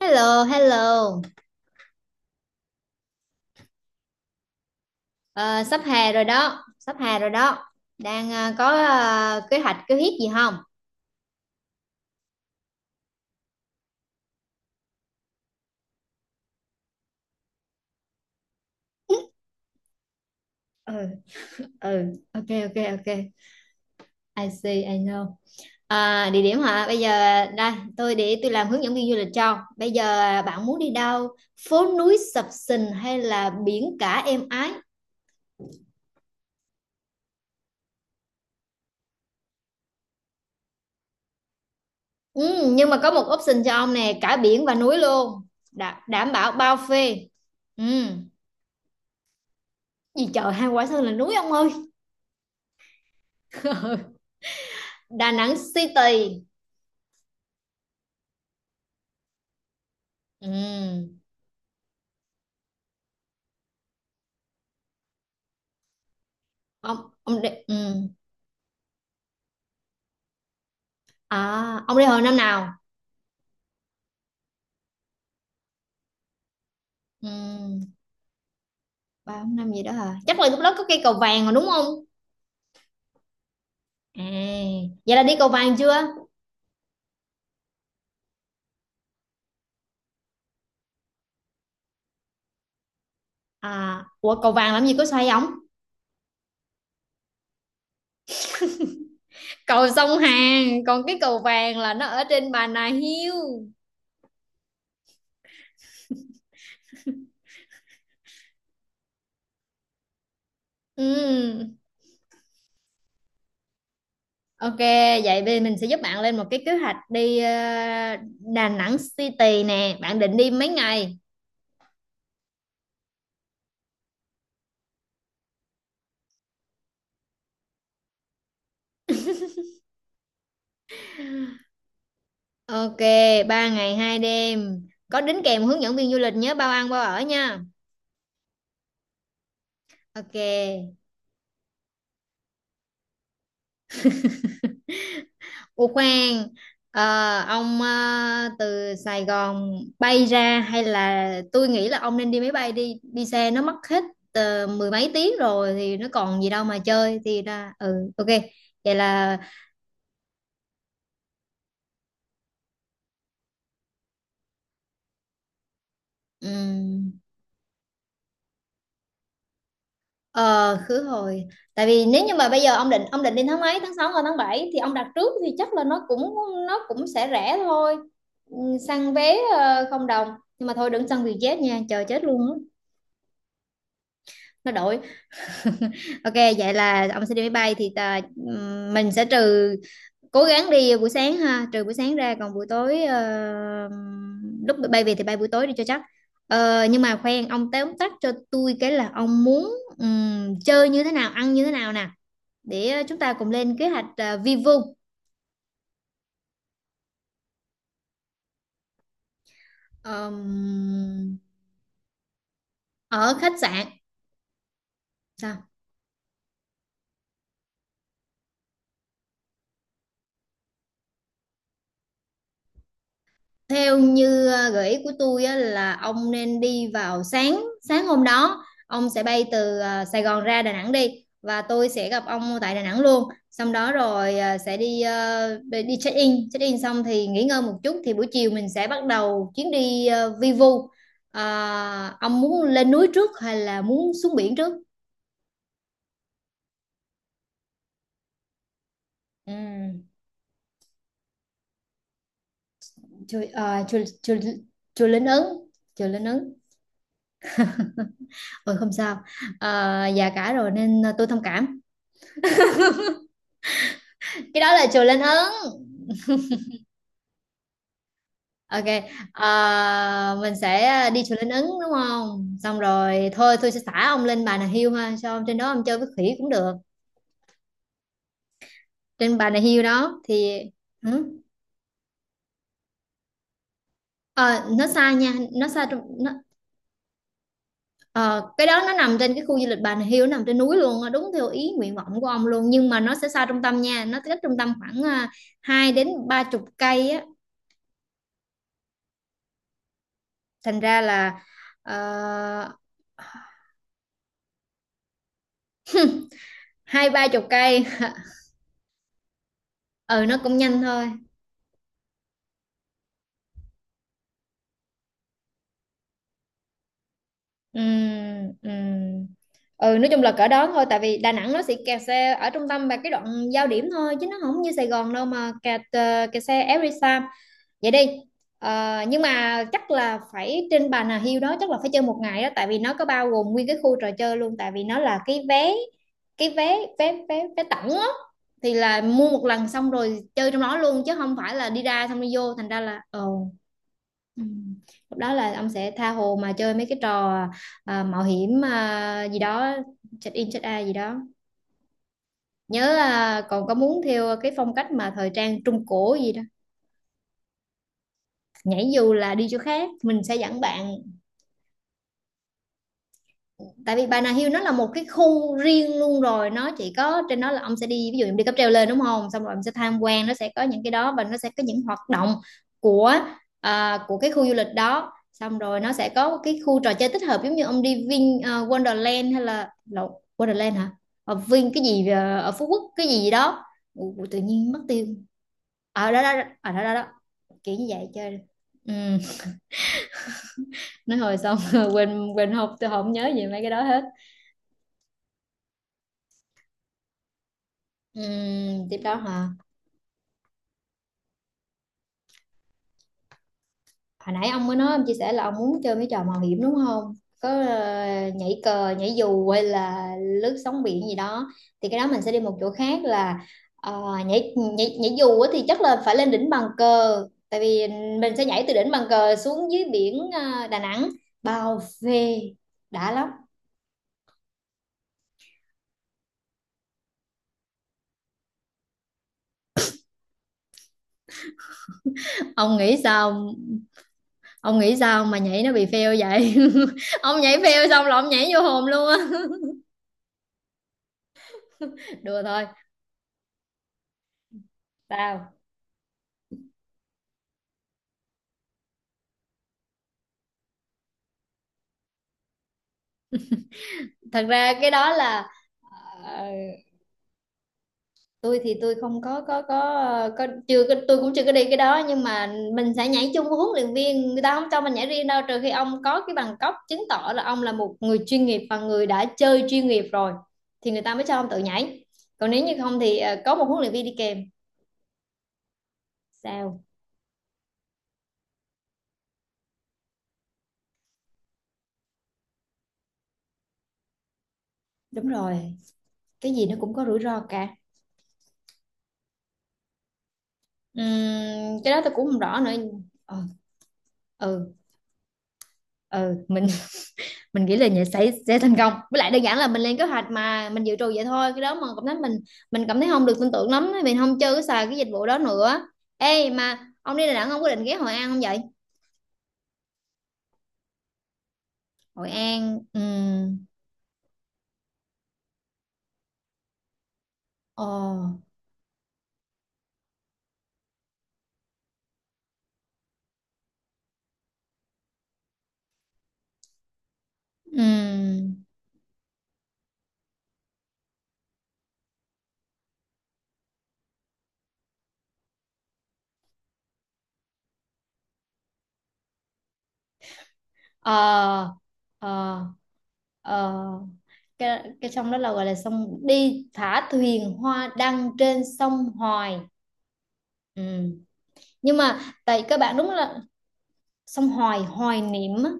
Hello, hello. Ờ, sắp hè rồi đó, sắp hè rồi đó. Đang có kế hoạch gì không? Ừ, ừ, ok, ok, ok. I see, I know. À, địa điểm hả? Bây giờ đây, tôi để tôi làm hướng dẫn viên du lịch cho. Bây giờ bạn muốn đi đâu? Phố núi sập sình hay là biển cả êm ái? Ừ, nhưng mà có một option cho ông nè, cả biển và núi luôn. Đảm bảo bao phê. Ừ, gì trời, hai quả sơn là núi ông ơi. Đà Nẵng City. Ừ. Ông ông đi ừ. À, ông đi hồi năm nào? Ừ. Ba bốn năm gì đó hả? Chắc là lúc đó có cây cầu vàng rồi đúng không? À, vậy là đi cầu vàng chưa? À, ủa cầu vàng làm gì có xoay ống? Cầu sông Hàn, còn cái cầu vàng là nó ở trên Bà Nà Hills. Ừ. Ok, vậy bây giờ mình sẽ giúp bạn lên một cái kế hoạch đi Đà Nẵng City nè. Bạn định đi mấy ngày? Ok, 3 ngày 2 đêm. Có đính kèm hướng dẫn viên du lịch nhớ bao ăn bao ở nha. Ok. Ủa khoan, ờ, ông từ Sài Gòn bay ra hay là tôi nghĩ là ông nên đi máy bay đi, đi xe nó mất hết mười mấy tiếng rồi thì nó còn gì đâu mà chơi thì ra ừ ok. Vậy là ừm, ờ khứ hồi. Tại vì nếu như mà bây giờ ông định đi tháng mấy, tháng 6 hay tháng 7 thì ông đặt trước thì chắc là nó cũng sẽ rẻ thôi. Ừ, săn vé không đồng. Nhưng mà thôi đừng săn Vietjet nha, chờ chết luôn á, nó đổi. Ok, vậy là ông sẽ đi máy bay thì tà, mình sẽ trừ cố gắng đi buổi sáng ha, trừ buổi sáng ra còn buổi tối lúc bay về thì bay buổi tối đi cho chắc. Ờ, nhưng mà khoan ông tóm tắt cho tôi cái là ông muốn chơi như thế nào, ăn như thế nào nè để chúng ta cùng lên kế hoạch vi vu ờm, ở khách sạn. Sao? Theo như gợi ý của tôi á, là ông nên đi vào sáng sáng hôm đó ông sẽ bay từ Sài Gòn ra Đà Nẵng đi và tôi sẽ gặp ông tại Đà Nẵng luôn. Xong đó rồi sẽ đi ờ, đi đi check in xong thì nghỉ ngơi một chút thì buổi chiều mình sẽ bắt đầu chuyến đi vi vu. Ờ, ông muốn lên núi trước hay là muốn xuống biển trước? Ừ. Chưa, chưa, chưa, chưa lên Ấn chưa lên Ấn. Ừ không sao. Ờ, già cả rồi nên tôi thông cảm. Cái đó là chùa Linh Ứng. Ok, mình sẽ đi chùa Linh Ứng đúng không xong rồi thôi tôi sẽ thả ông lên Bà Nà Hills ha cho ông trên đó ông chơi với khỉ cũng được. Trên Bà Nà Hills đó thì ừ. Ờ, nó xa nha nó xa trong nó, ờ, cái đó nó nằm trên cái khu du lịch Bà Nà Hills nó nằm trên núi luôn á, đúng theo ý nguyện vọng của ông luôn, nhưng mà nó sẽ xa trung tâm nha, nó cách trung tâm khoảng à, hai đến ba chục cây á thành ra là ờ, hai ba chục cây. Ừ nó cũng nhanh thôi. Ừ, ừ. Ừ nói chung là cỡ đó thôi tại vì Đà Nẵng nó sẽ kẹt xe ở trung tâm và cái đoạn giao điểm thôi chứ nó không như Sài Gòn đâu mà kẹt xe every time. Vậy đi. Ờ, nhưng mà chắc là phải trên Bà Nà Hills đó chắc là phải chơi một ngày đó tại vì nó có bao gồm nguyên cái khu trò chơi luôn tại vì nó là cái vé vé vé vé tổng á, thì là mua một lần xong rồi chơi trong đó luôn chứ không phải là đi ra xong đi vô thành ra là ừ. Ừ. Lúc đó là ông sẽ tha hồ mà chơi mấy cái trò à, mạo hiểm à, gì đó, check in check out gì đó, nhớ là còn có muốn theo cái phong cách mà thời trang trung cổ gì đó. Nhảy dù là đi chỗ khác mình sẽ dẫn bạn, tại vì Bà Nà Hills nó là một cái khu riêng luôn rồi nó chỉ có trên đó là ông sẽ đi, ví dụ em đi cáp treo lên đúng không xong rồi em sẽ tham quan, nó sẽ có những cái đó và nó sẽ có những hoạt động của của cái khu du lịch đó, xong rồi nó sẽ có cái khu trò chơi tích hợp giống như ông đi Vin à, Wonderland hay là lộn, Wonderland hả, ở Vin cái gì à, ở Phú Quốc cái gì gì đó. Ủa, tự nhiên mất tiêu. Ở đó đó đó. Ở đó đó đó, kiểu như vậy chơi. Ừ. Nói hồi xong, quên quên học tôi không nhớ gì mấy cái đó hết. Tiếp đó hả? Hồi nãy ông mới nói ông chia sẻ là ông muốn chơi mấy trò mạo hiểm đúng không? Có nhảy cờ, nhảy dù hay là lướt sóng biển gì đó thì cái đó mình sẽ đi một chỗ khác là nhảy nhảy nhảy dù á, thì chắc là phải lên đỉnh Bàn Cờ tại vì mình sẽ nhảy từ đỉnh Bàn Cờ xuống dưới biển Đà Nẵng, bao phê, đã lắm. Ông nghĩ sao? Ông nghĩ sao mà nhảy nó bị fail vậy? Ông nhảy fail xong là ông nhảy vô hồn luôn á. Đùa thôi. Sao? Thật ra cái đó là ờ, tôi thì tôi không có chưa có, tôi cũng chưa có đi cái đó, nhưng mà mình sẽ nhảy chung với huấn luyện viên, người ta không cho mình nhảy riêng đâu, trừ khi ông có cái bằng cấp chứng tỏ là ông là một người chuyên nghiệp và người đã chơi chuyên nghiệp rồi thì người ta mới cho ông tự nhảy, còn nếu như không thì có một huấn luyện viên đi kèm. Sao? Đúng rồi, cái gì nó cũng có rủi ro cả. Cái đó tôi cũng không rõ nữa. Ừ, ừ, ừ, mình nghĩ là nhà sẽ thành công, với lại đơn giản là mình lên kế hoạch mà mình dự trù vậy thôi, cái đó mà cảm thấy mình cảm thấy không được tin tưởng lắm mình không chơi cái xài cái dịch vụ đó nữa. Ê mà ông đi Đà Nẵng ông có định ghé Hội An không vậy? Hội An. Ờ ừm ờ ờ ờ cái sông đó là gọi là sông đi thả thuyền hoa đăng trên sông Hoài. Ừm. Nhưng mà tại các bạn đúng là sông Hoài Hoài niệm á.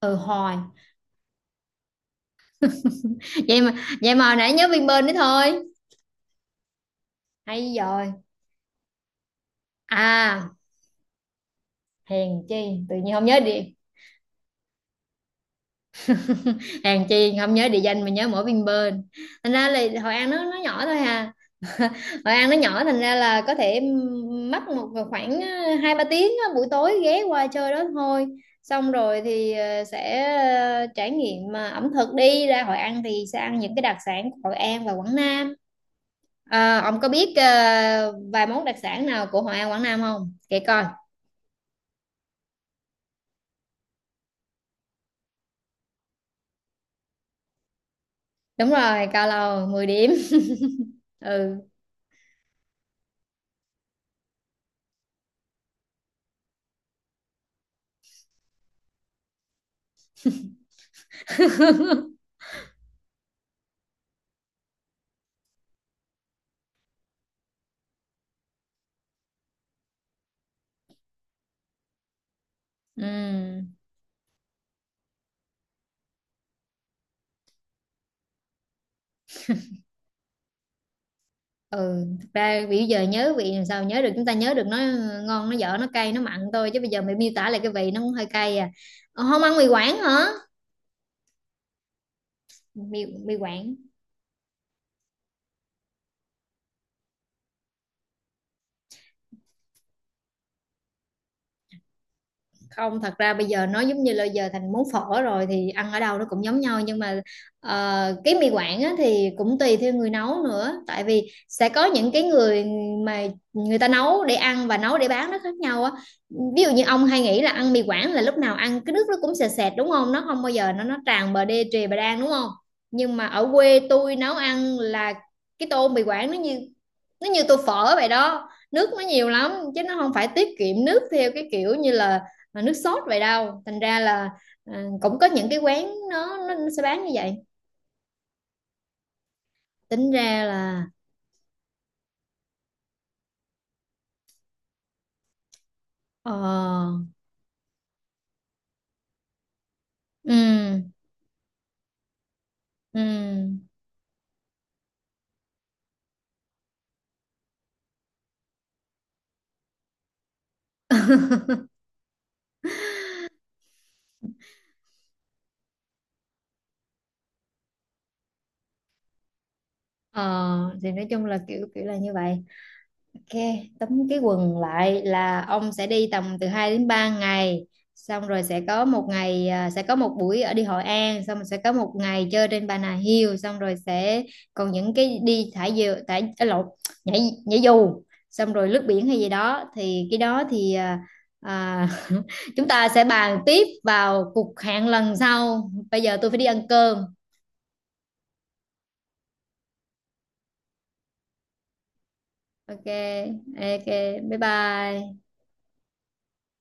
Ừ Hoài. Vậy mà vậy mà hồi nãy nhớ Vinpearl đấy thôi. Hay rồi. À, hèn chi tự nhiên không nhớ đi, hèn chi không nhớ địa danh mà nhớ mỗi Vinpearl. Thành ra là Hội An nó nhỏ thôi hà. Hội An nó nhỏ thành ra là có thể mất một khoảng hai ba tiếng á, buổi tối ghé qua chơi đó thôi, xong rồi thì sẽ trải nghiệm ẩm thực, đi ra Hội An thì sẽ ăn những cái đặc sản của Hội An và Quảng Nam. À, ông có biết vài món đặc sản nào của Hội An Quảng Nam không? Kể coi. Đúng rồi, cao lầu 10 điểm. Ừ. Ừ. Ừ, thực ra bây giờ nhớ vị làm sao nhớ được, chúng ta nhớ được nó ngon nó dở nó cay nó mặn thôi chứ bây giờ mày miêu tả lại cái vị nó cũng hơi cay à. Ờ, không ăn mì Quảng hả? Mì mì Quảng, không thật ra bây giờ nó giống như là giờ thành món phở rồi thì ăn ở đâu nó cũng giống nhau, nhưng mà cái mì Quảng á, thì cũng tùy theo người nấu nữa, tại vì sẽ có những cái người mà người ta nấu để ăn và nấu để bán nó khác nhau á, ví dụ như ông hay nghĩ là ăn mì Quảng là lúc nào ăn cái nước nó cũng sệt sệt đúng không, nó không bao giờ nó tràn bờ đê trề bà đan đúng không. Nhưng mà ở quê tôi nấu ăn là cái tô mì Quảng nó như tô phở vậy đó, nước nó nhiều lắm chứ nó không phải tiết kiệm nước theo cái kiểu như là mà nước sốt vậy đâu thành ra là à, cũng có những cái quán nó sẽ bán như vậy, tính ra là ờ ừ ừ ờ thì nói chung là kiểu kiểu là như vậy. Ok, tấm cái quần lại là ông sẽ đi tầm từ 2 đến 3 ngày, xong rồi sẽ có một ngày à, sẽ có một buổi ở đi Hội An, xong rồi sẽ có một ngày chơi trên Bà Nà Hills, xong rồi sẽ còn những cái đi thả diều thả à, lộn, nhảy nhảy dù, xong rồi lướt biển hay gì đó thì cái đó thì à, à, chúng ta sẽ bàn tiếp vào cuộc hẹn lần sau, bây giờ tôi phải đi ăn cơm. Ok. Ok, bye bye.